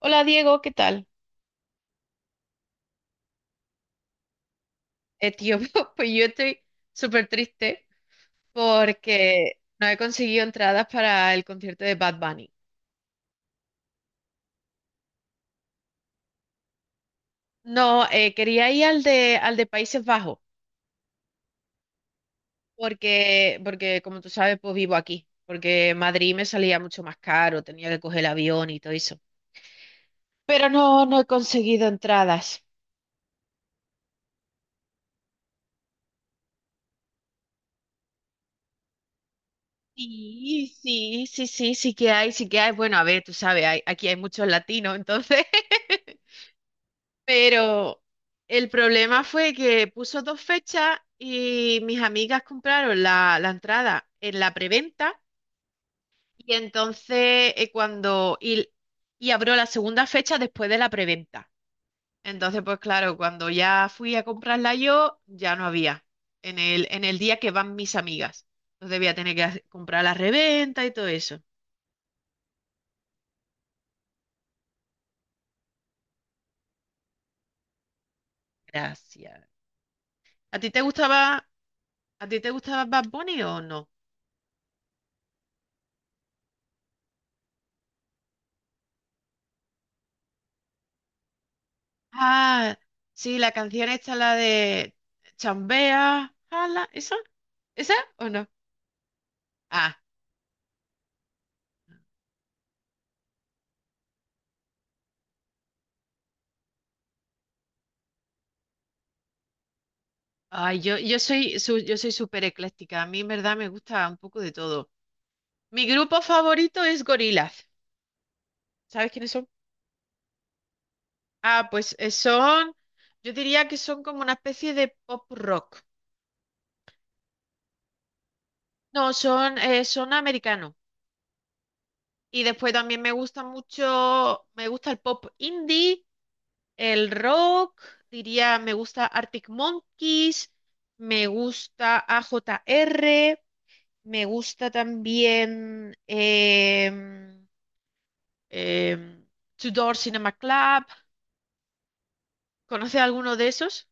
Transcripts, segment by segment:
Hola Diego, ¿qué tal? Tío, pues yo estoy súper triste porque no he conseguido entradas para el concierto de Bad Bunny. No, quería ir al de Países Bajos porque, porque, como tú sabes, pues vivo aquí, porque Madrid me salía mucho más caro, tenía que coger el avión y todo eso. Pero no, no he conseguido entradas. Sí, sí, sí, sí, sí que hay, sí que hay. Bueno, a ver, tú sabes, aquí hay muchos latinos, entonces... Pero el problema fue que puso dos fechas y mis amigas compraron la entrada en la preventa y entonces y abrió la segunda fecha después de la preventa. Entonces, pues claro, cuando ya fui a comprarla yo, ya no había en en el día que van mis amigas. Entonces voy a tener que comprar la reventa y todo eso. Gracias. ¿A ti te gustaba Bad Bunny o no? Ah, sí, la canción esta, la de Chambea, ala, ¿esa? ¿Esa o no? Ah, ay, yo yo soy súper ecléctica. A mí, en verdad, me gusta un poco de todo. Mi grupo favorito es Gorillaz. ¿Sabes quiénes son? Ah, pues yo diría que son como una especie de pop rock. No, son americanos. Y después también me gusta mucho, me gusta el pop indie. El rock, diría, me gusta Arctic Monkeys, me gusta A J R, me gusta también em, Two Door Cinema Club. ¿Conoce alguno de esos?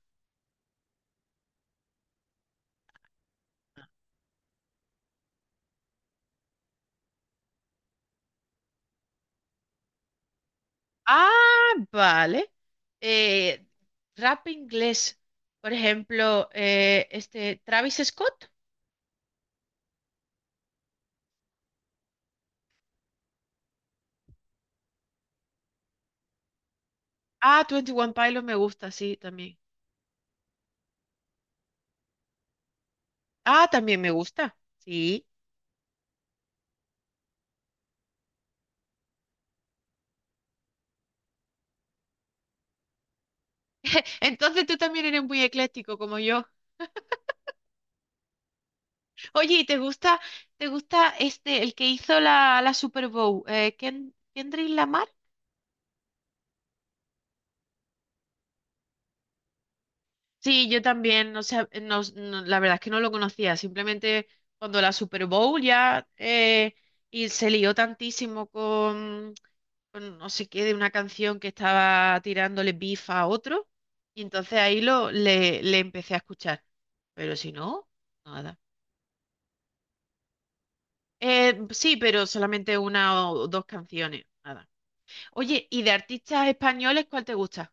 Ah, vale. Eh, rap inglés, por ejemplo, este Travis Scott. Ah, Twenty One Pilots me gusta, sí, también. Ah, también me gusta, sí. Entonces tú también eres muy ecléctico como yo. Oye, ¿y te gusta este, el que hizo la Super Bowl? ¿Kendrick Lamar? Sí, yo también, o sea, no, no, la verdad es que no lo conocía, simplemente cuando la Super Bowl ya y se lió tantísimo con no sé qué, de una canción que estaba tirándole beef a otro, y entonces ahí le empecé a escuchar, pero si no, nada. Sí, pero solamente una o dos canciones, nada. Oye, ¿y de artistas españoles cuál te gusta?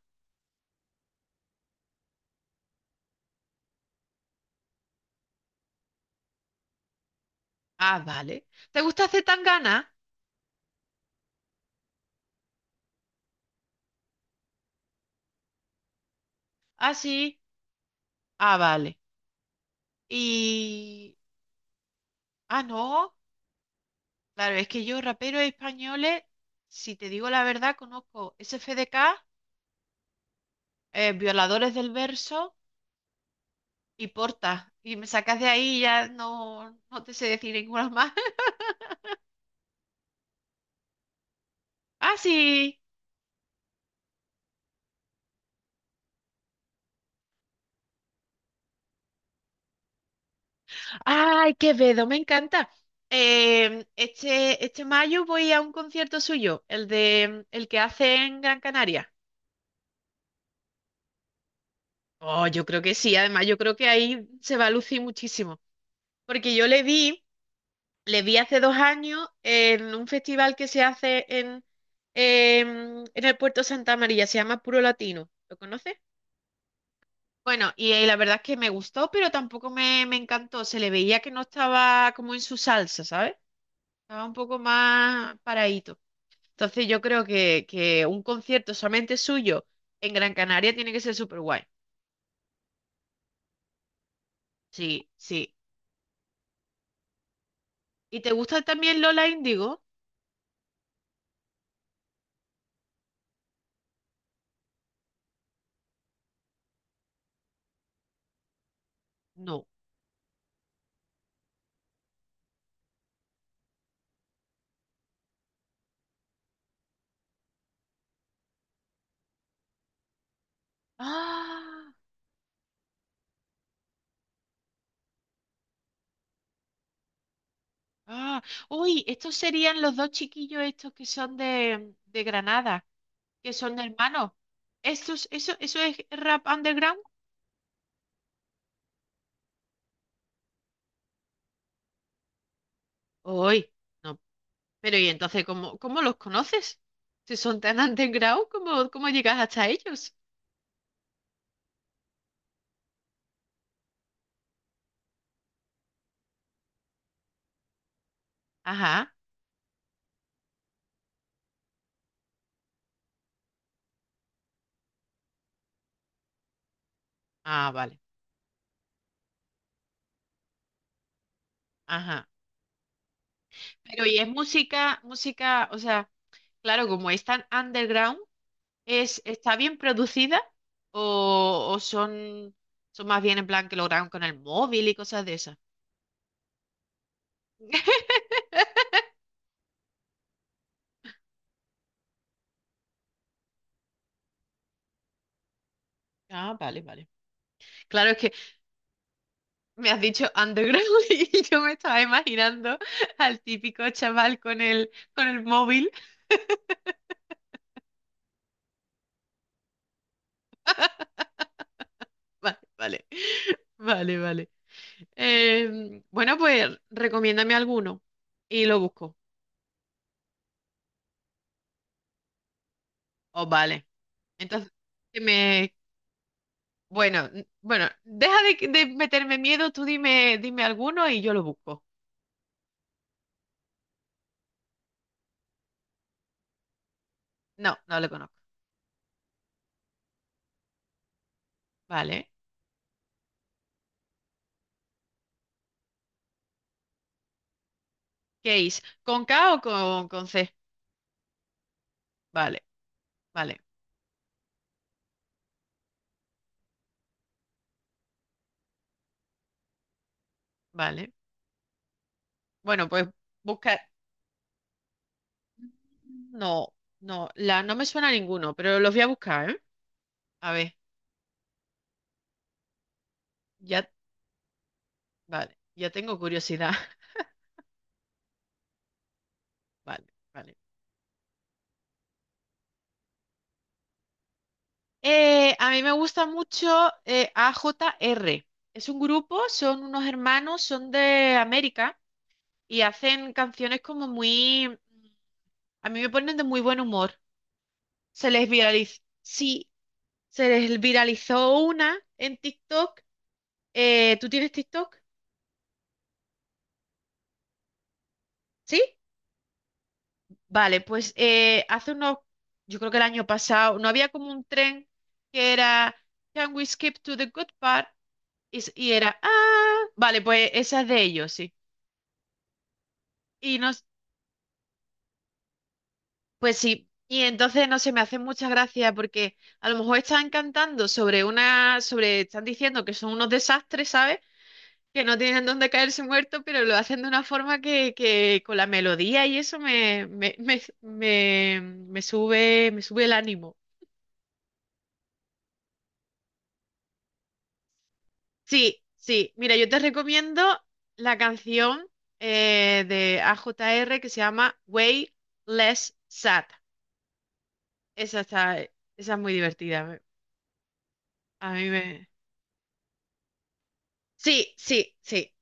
Ah, vale. ¿Te gusta Zetangana? Ah, sí. Ah, vale. Y... Ah, no. Claro, es que yo raperos españoles, si te digo la verdad, conozco SFDK, Violadores del Verso y Porta. Y me sacas de ahí y ya no, no te sé decir ninguna más. Ah, sí. Ay, Quevedo, me encanta. Este, este mayo voy a un concierto suyo, el de el que hace en Gran Canaria. Oh, yo creo que sí. Además, yo creo que ahí se va a lucir muchísimo. Porque yo le vi hace dos años en un festival que se hace en el Puerto Santa María, se llama Puro Latino. ¿Lo conoces? Bueno, y, la verdad es que me gustó, pero tampoco me encantó. Se le veía que no estaba como en su salsa, ¿sabes? Estaba un poco más paradito. Entonces yo creo que un concierto solamente suyo en Gran Canaria tiene que ser súper guay. Sí, sí. ¿Y te gusta también Lola Índigo? No. ¡Ah! ¡Ah! Uy, estos serían los dos chiquillos estos que son de Granada, que son hermanos. ¿Estos, eso es rap underground? Uy, no. Pero ¿y entonces cómo los conoces? Si son tan underground, cómo llegas hasta ellos? Ajá. Ah, vale. Ajá. Pero ¿y es música, música, o sea, claro, como es tan underground? ¿Es, está bien producida o son, son más bien en plan que lo graban con el móvil y cosas de esas? Ah, vale, vale. Claro, es que me has dicho underground y yo me estaba imaginando al típico chaval con con el móvil. Vale, vale, vale, vale. Bueno, pues recomiéndame alguno y lo busco. Oh, vale. Entonces, que me... Bueno, bueno, deja de meterme miedo, tú dime, dime alguno y yo lo busco. No, no lo conozco. Vale. Case. ¿Con K o con C? Vale, vale, vale. Bueno, pues busca. No, no, no me suena a ninguno, pero los voy a buscar, ¿eh? A ver, ya, vale, ya tengo curiosidad. Vale, vale. A mí me gusta mucho A J R. Es un grupo, son unos hermanos, son de América y hacen canciones como muy... A mí me ponen de muy buen humor. Se les viraliza. Sí. Se les viralizó una en TikTok. ¿Tú tienes TikTok? ¿Sí? Vale, pues yo creo que el año pasado, no había como un tren que era Can we skip to the good part? Y era, ah, vale, pues esa es de ellos, sí. Y nos, pues sí, y entonces no se me hace mucha gracia porque a lo mejor están cantando sobre están diciendo que son unos desastres, ¿sabes? Que no tienen dónde caerse muertos, pero lo hacen de una forma que con la melodía y eso me sube el ánimo. Sí, sí, mira, yo te recomiendo la canción de A J R que se llama Way Less Sad. Esa está, esa es muy divertida. A mí me... Sí, sí, sí.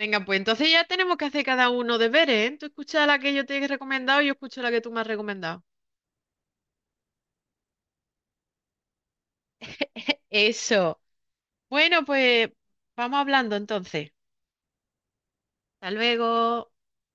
Venga, pues entonces ya tenemos que hacer cada uno deberes, ¿eh? Tú escuchas la que yo te he recomendado y yo escucho la que tú me has recomendado. Eso. Bueno, pues vamos hablando entonces. Hasta luego.